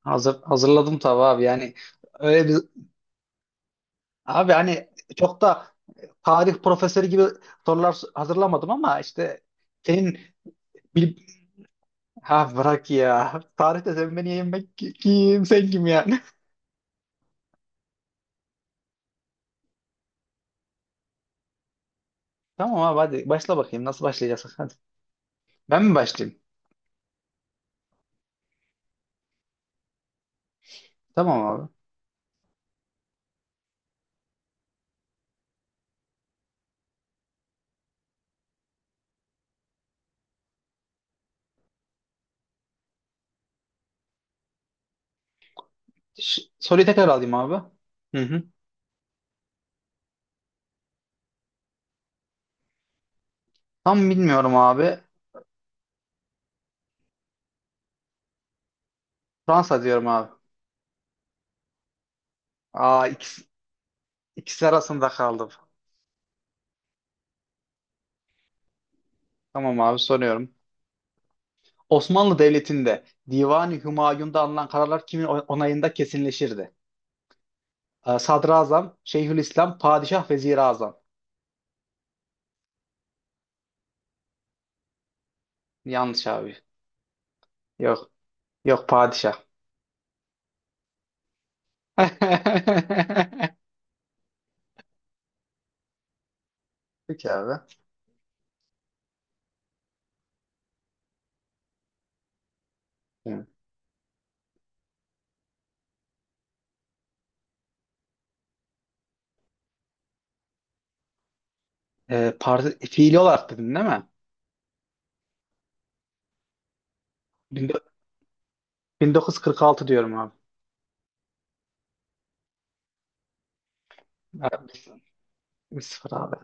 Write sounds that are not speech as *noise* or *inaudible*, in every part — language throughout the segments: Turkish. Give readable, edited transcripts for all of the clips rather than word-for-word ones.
Hazırladım tabii abi, yani öyle bir, abi hani çok da tarih profesörü gibi sorular hazırlamadım ama işte senin bil ha bırak ya, tarihte sen beni yenmek, kim sen kim yani? *laughs* Tamam abi, hadi başla bakayım, nasıl başlayacağız, hadi, ben mi başlayayım? Tamam abi. Soruyu tekrar alayım abi. Hı hı. Tam bilmiyorum abi. Fransa diyorum abi. aa ikisi, ikisi arasında kaldım. Tamam abi, soruyorum. Osmanlı Devleti'nde Divani Hümayun'da alınan kararlar kimin onayında kesinleşirdi? Sadrazam, Şeyhülislam, Padişah, Vezirazam. Yanlış abi. Yok. Yok, padişah. *laughs* Peki abi. Hı. Fiili olarak dedin değil mi? 1946 diyorum abi. Evet. 1-0 abi.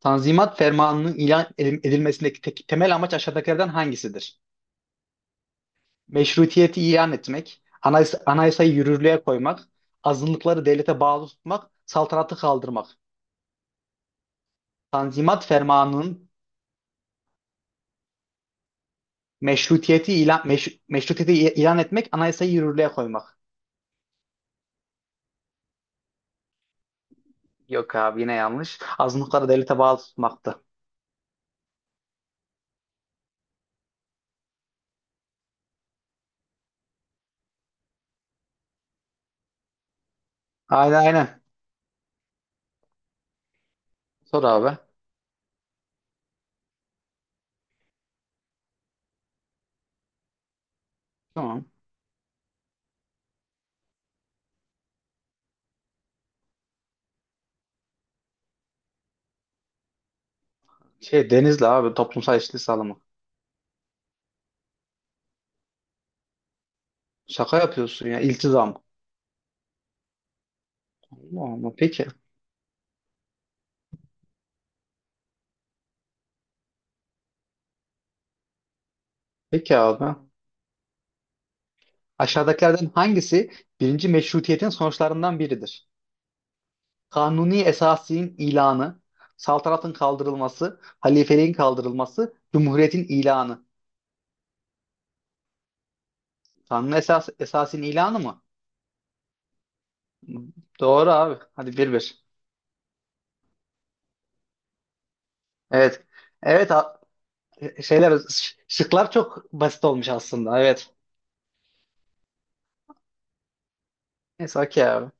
Tanzimat Fermanı'nın ilan edilmesindeki temel amaç aşağıdakilerden hangisidir? Meşrutiyeti ilan etmek, anayasayı yürürlüğe koymak, azınlıkları devlete bağlı tutmak, saltanatı kaldırmak. Tanzimat Fermanı'nın meşrutiyeti ilan etmek, anayasayı yürürlüğe koymak. Yok abi, yine yanlış. Azınlıkları devlete bağlı tutmaktı. Aynen, aynen. Sor abi. Tamam. Şey Denizli abi, toplumsal eşitlik sağlamak. Şaka yapıyorsun ya, iltizam. Allah Allah. Peki. Peki abi. Aşağıdakilerden hangisi birinci meşrutiyetin sonuçlarından biridir? Kanuni esasinin ilanı, saltanatın kaldırılması, halifeliğin kaldırılması, cumhuriyetin ilanı. Kanuni esasinin ilanı mı? Doğru abi. Hadi 1-1. Evet. Evet, şıklar çok basit olmuş aslında. Evet. Neyse, okey abi.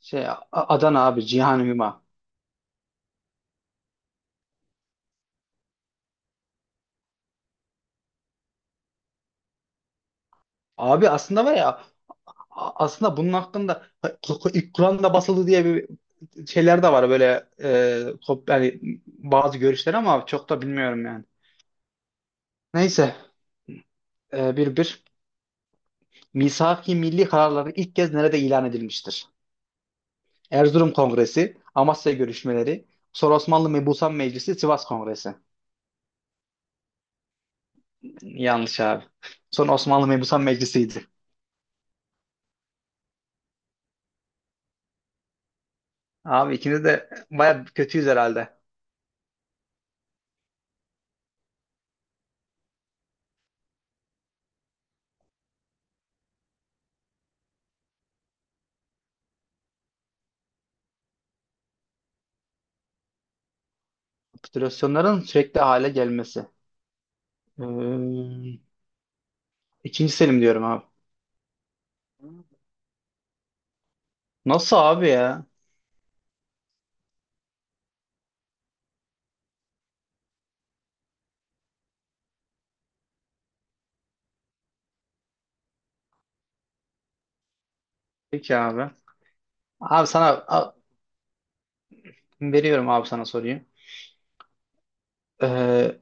Adana abi, Cihan Hüma. Abi, aslında var ya, aslında bunun hakkında ilk Kur'an'da basıldı diye bir şeyler de var böyle, yani bazı görüşler, ama çok da bilmiyorum yani. Neyse. 1-1. Misak Milli kararları ilk kez nerede ilan edilmiştir? Erzurum Kongresi, Amasya görüşmeleri, sonra Osmanlı Mebusan Meclisi, Sivas Kongresi. Yanlış abi. Son Osmanlı Mebusan Meclisi'ydi. Abi, ikimiz de baya kötüyüz herhalde. Kapitülasyonların sürekli hale gelmesi. Ee, ikinci Selim diyorum abi. Nasıl abi ya? Peki abi. Abi, sana veriyorum abi, sana soruyu. Ee,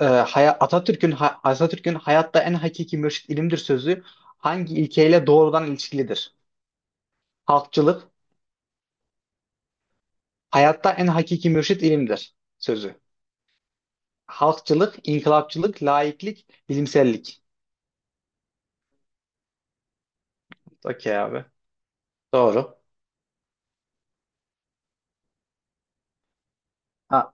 Atatürk'ün Atatürk'ün hayatta en hakiki mürşit ilimdir sözü hangi ilkeyle doğrudan ilişkilidir? Halkçılık, hayatta en hakiki mürşit ilimdir sözü. Halkçılık, inkılapçılık, laiklik, bilimsellik. Okey abi. Doğru. Ha,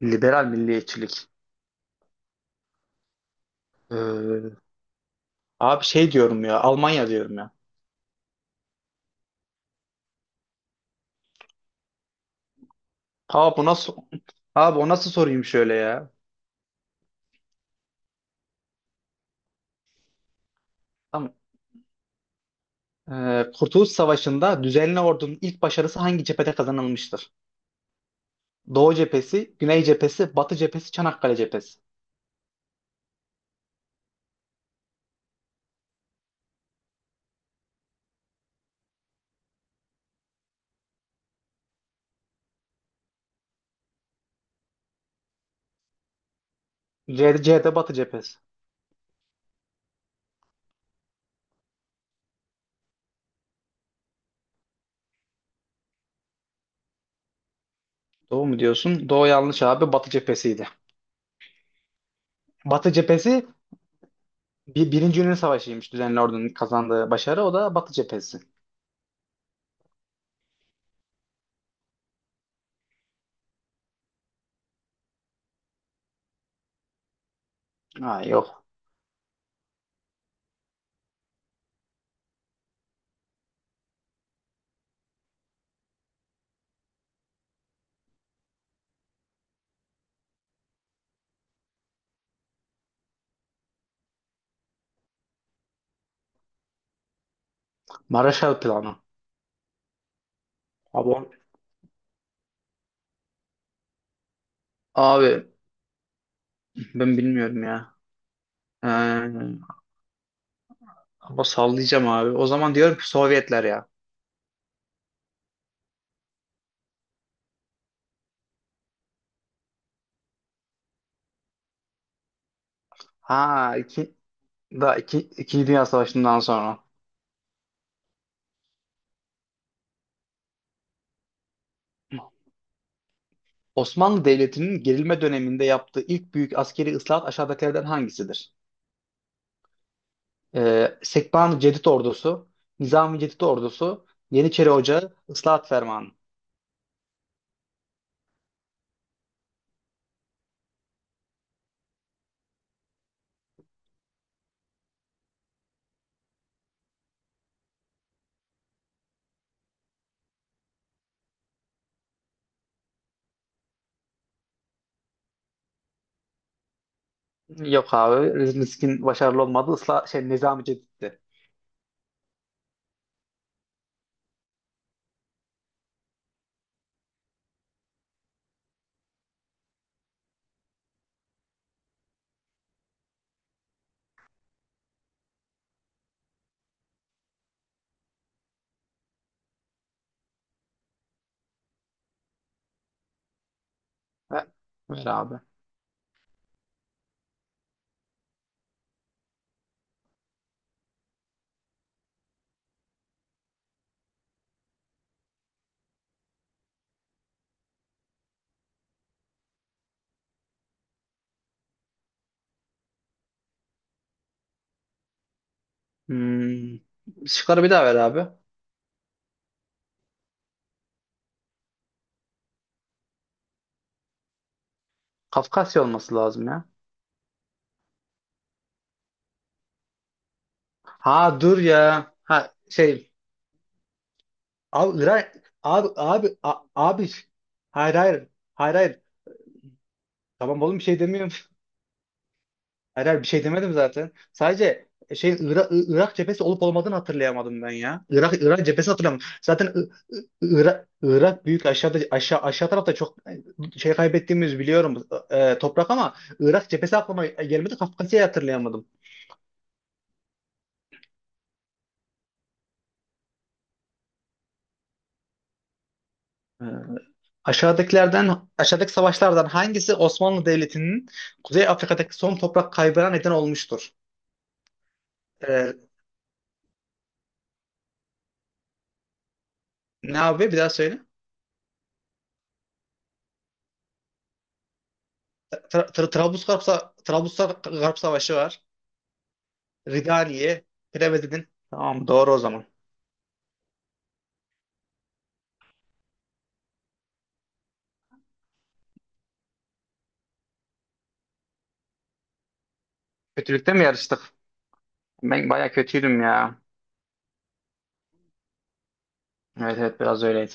Liberal milliyetçilik. Ee, Abi, şey diyorum ya, Almanya diyorum ya. Abi bu nasıl Abi, o nasıl sorayım şöyle ya? Tamam. Kurtuluş Savaşı'nda düzenli ordunun ilk başarısı hangi cephede kazanılmıştır? Doğu cephesi, Güney cephesi, Batı cephesi, Çanakkale cephesi. C, C'de Batı cephesi. Doğu mu diyorsun? Doğu yanlış abi. Batı cephesiydi. Batı cephesi Birinci Yunan Savaşı'ymış düzenli ordunun kazandığı başarı. O da Batı cephesi. Ha yok. Marshall Planı. Abi, abi ben bilmiyorum ya. Ee, Ama sallayacağım abi. O zaman diyorum ki Sovyetler ya. Ha iki, da iki, İkinci Dünya Savaşı'ndan sonra. Osmanlı Devleti'nin gerilme döneminde yaptığı ilk büyük askeri ıslahat aşağıdakilerden hangisidir? Sekban Cedid Ordusu, Nizami Cedid Ordusu, Yeniçeri Ocağı, Islahat Fermanı. Yok abi. Riskin başarılı olmadı. Isla şey Nizami Cedid'di. Ver, Ver abi. Hmm. Şıkları bir daha ver abi. Kafkasya olması lazım ya. Ha dur ya. Abi Irak, abi, abi, hayır, hayır, hayır, hayır. Tamam oğlum, bir şey demiyorum. *laughs* Hayır, hayır, bir şey demedim zaten. Sadece Irak cephesi olup olmadığını hatırlayamadım ben ya. Irak cephesi hatırlamadım. Zaten Irak büyük, aşağıda, aşağı aşağı tarafta çok kaybettiğimiz biliyorum, toprak, ama Irak cephesi aklıma gelmedi. Kafkasya'yı hatırlayamadım. E, Aşağıdaki savaşlardan hangisi Osmanlı Devleti'nin Kuzey Afrika'daki son toprak kaybına neden olmuştur? E, Ne abi, bir daha söyle. Trablusgarp Savaşı var. Ridali'ye Preved'in. Tamam, doğru o zaman. Kötülükte mi yarıştık? Ben baya kötüydüm ya. Evet, evet, biraz öyleydi.